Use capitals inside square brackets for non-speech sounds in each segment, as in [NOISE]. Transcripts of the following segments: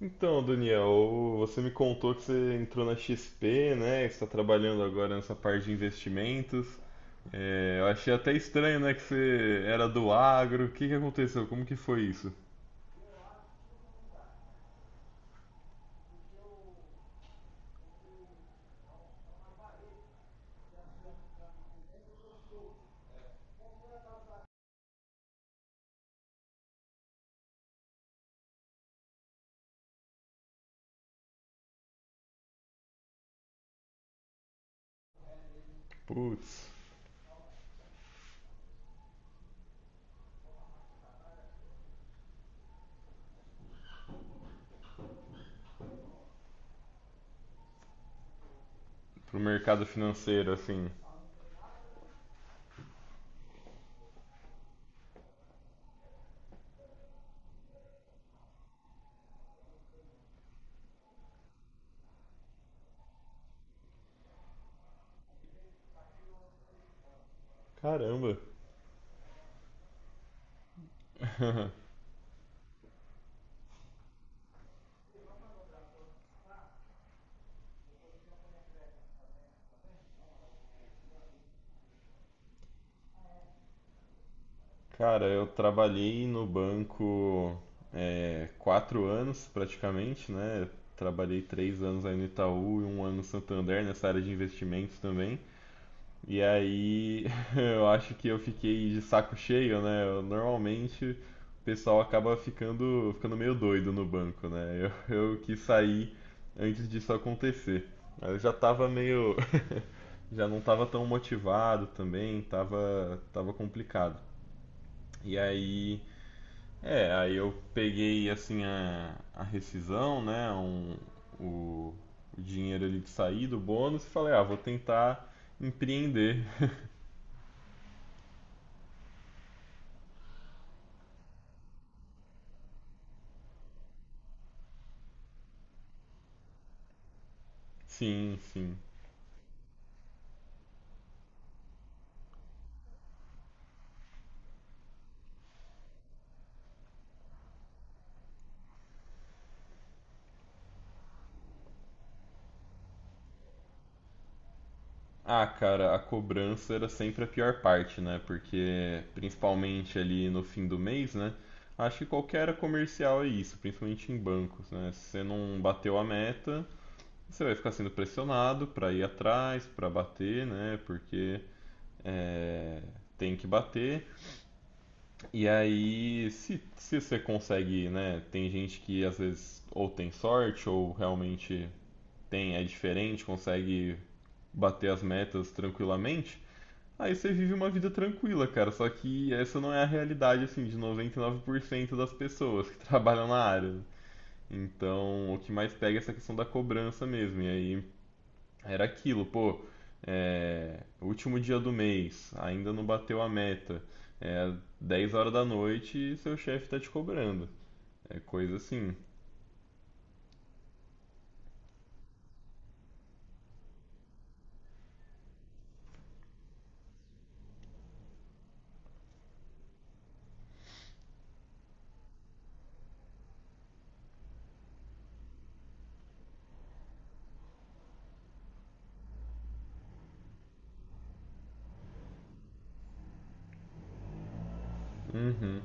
Então, Daniel, você me contou que você entrou na XP, né? que Você está trabalhando agora nessa parte de investimentos. É, eu achei até estranho, né, que você era do agro. O que que aconteceu? Como que foi isso? Putz, pro mercado financeiro, assim. Caramba. [LAUGHS] Cara, eu trabalhei no banco quatro anos praticamente, né? Trabalhei três anos aí no Itaú e um ano no Santander, nessa área de investimentos também. E aí, [LAUGHS] eu acho que eu fiquei de saco cheio, né? Eu, normalmente o pessoal acaba ficando meio doido no banco, né? Eu, [LAUGHS] eu quis sair antes disso acontecer. Aí eu já tava meio, [LAUGHS] já não tava tão motivado também, tava complicado. E aí, aí eu peguei assim a rescisão, né? O, o dinheiro ali de sair do bônus e falei, ah, vou tentar empreender. Sim, sim. Ah, cara, a cobrança era sempre a pior parte, né? Porque, principalmente ali no fim do mês, né? Acho que qualquer área comercial é isso, principalmente em bancos, né? Se você não bateu a meta, você vai ficar sendo pressionado para ir atrás, para bater, né? Porque é, tem que bater. E aí, se você consegue, né? Tem gente que às vezes ou tem sorte ou realmente tem, é diferente, consegue bater as metas tranquilamente, aí você vive uma vida tranquila, cara. Só que essa não é a realidade, assim, de 99% das pessoas que [LAUGHS] trabalham na área. Então, o que mais pega é essa questão da cobrança mesmo. E aí era aquilo, pô, último dia do mês, ainda não bateu a meta. É 10 horas da noite e seu chefe tá te cobrando. É coisa assim. Uhum.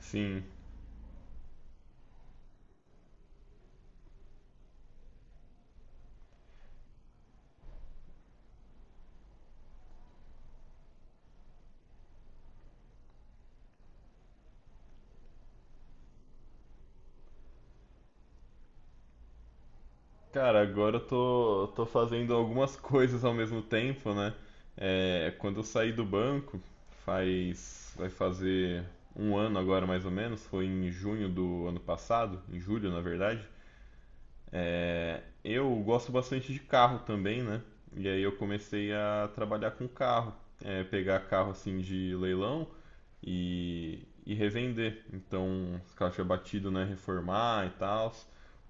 Sim. Cara, agora eu tô fazendo algumas coisas ao mesmo tempo, né? É, quando eu saí do banco, faz, vai fazer um ano agora mais ou menos, foi em junho do ano passado, em julho na verdade. É, eu gosto bastante de carro também, né? E aí eu comecei a trabalhar com carro, pegar carro assim de leilão e revender. Então, os caixa batido, né? Reformar e tal.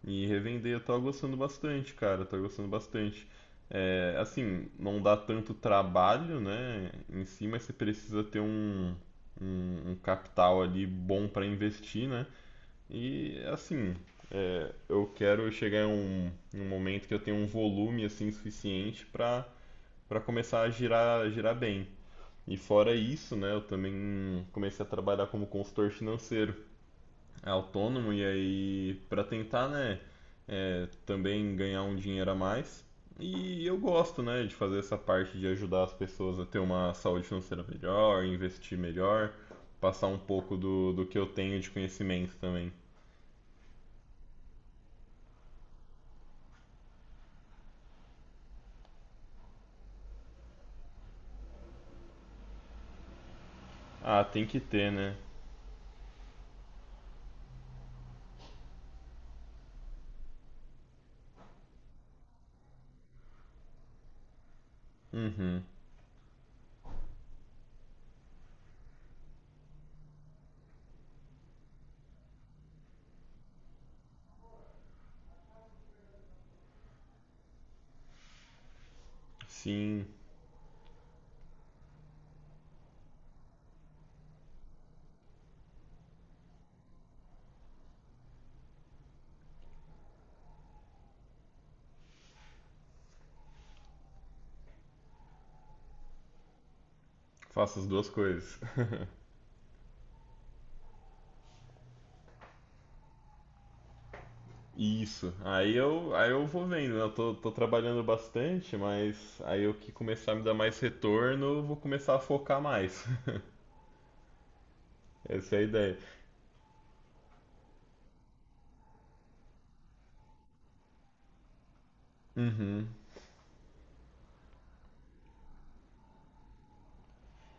E revender, eu tava gostando bastante, cara. Eu tava gostando bastante. É, assim, não dá tanto trabalho, né? Em si, mas você precisa ter um capital ali bom para investir, né? E assim, eu quero chegar em em um momento que eu tenha um volume assim suficiente para para começar a girar, girar bem. E fora isso, né, eu também comecei a trabalhar como consultor financeiro autônomo e aí para tentar, né, também ganhar um dinheiro a mais. E eu gosto, né, de fazer essa parte de ajudar as pessoas a ter uma saúde financeira melhor, investir melhor, passar um pouco do, do que eu tenho de conhecimento também. Ah, tem que ter, né? Uhum. Sim, faço as duas coisas. [LAUGHS] Isso. Aí eu vou vendo, né? Eu tô trabalhando bastante, mas aí eu que começar a me dar mais retorno, eu vou começar a focar mais. [LAUGHS] Essa é a ideia. Uhum.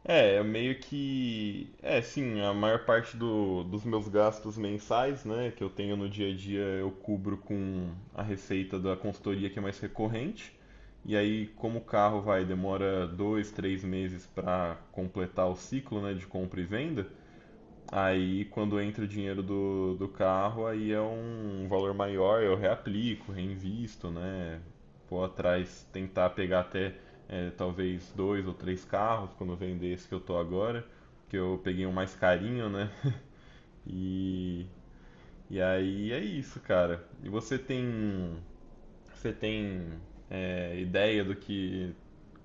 É, eu meio que. É, sim, a maior parte dos meus gastos mensais, né, que eu tenho no dia a dia, eu cubro com a receita da consultoria que é mais recorrente. E aí, como o carro vai, demora dois, três meses para completar o ciclo, né, de compra e venda. Aí, quando entra o dinheiro do carro, aí é um valor maior, eu reaplico, reinvisto, né? Vou atrás tentar pegar até talvez dois ou três carros quando eu vender esse que eu tô agora, que eu peguei um mais carinho, né? E, e aí é isso, cara. E você tem ideia do que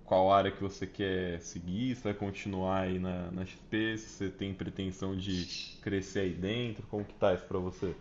qual área que você quer seguir, se vai continuar aí na, na XP, se você tem pretensão de crescer aí dentro, como que tá isso pra você?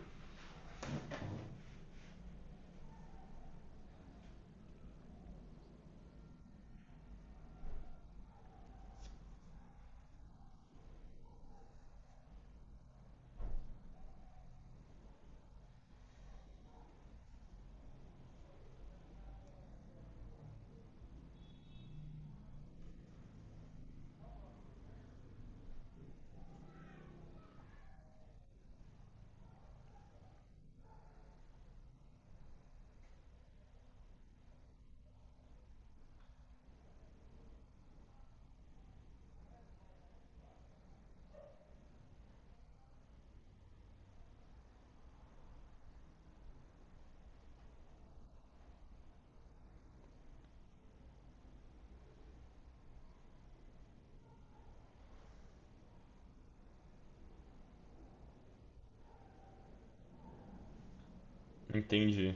Entendi.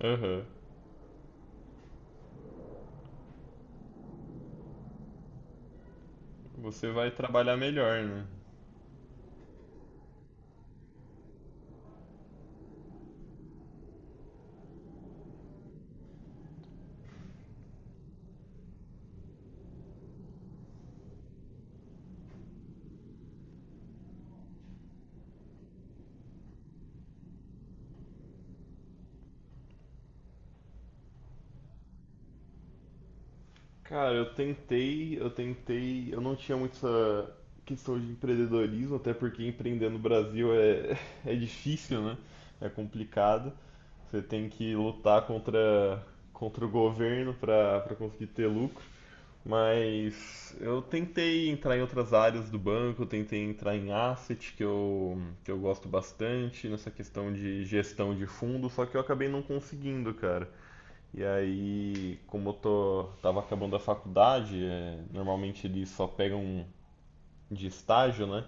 Aham. Você vai trabalhar melhor, né? Cara, eu tentei, eu não tinha muito essa questão de empreendedorismo, até porque empreender no Brasil é, [LAUGHS] é difícil, né? É complicado. Você tem que lutar contra, contra o governo para para conseguir ter lucro. Mas eu tentei entrar em outras áreas do banco, eu tentei entrar em asset, que eu gosto bastante, nessa questão de gestão de fundo, só que eu acabei não conseguindo, cara. E aí, como eu tô, tava acabando a faculdade, é, normalmente eles só pegam de estágio, né?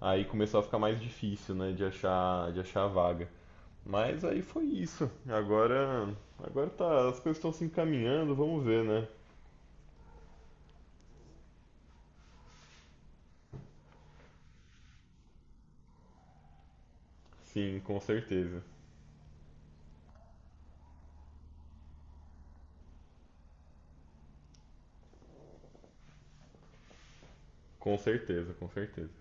Aí começou a ficar mais difícil, né, de achar a vaga. Mas aí foi isso. Agora, agora tá, as coisas estão se encaminhando, vamos ver, né? Sim, com certeza. Com certeza, com certeza.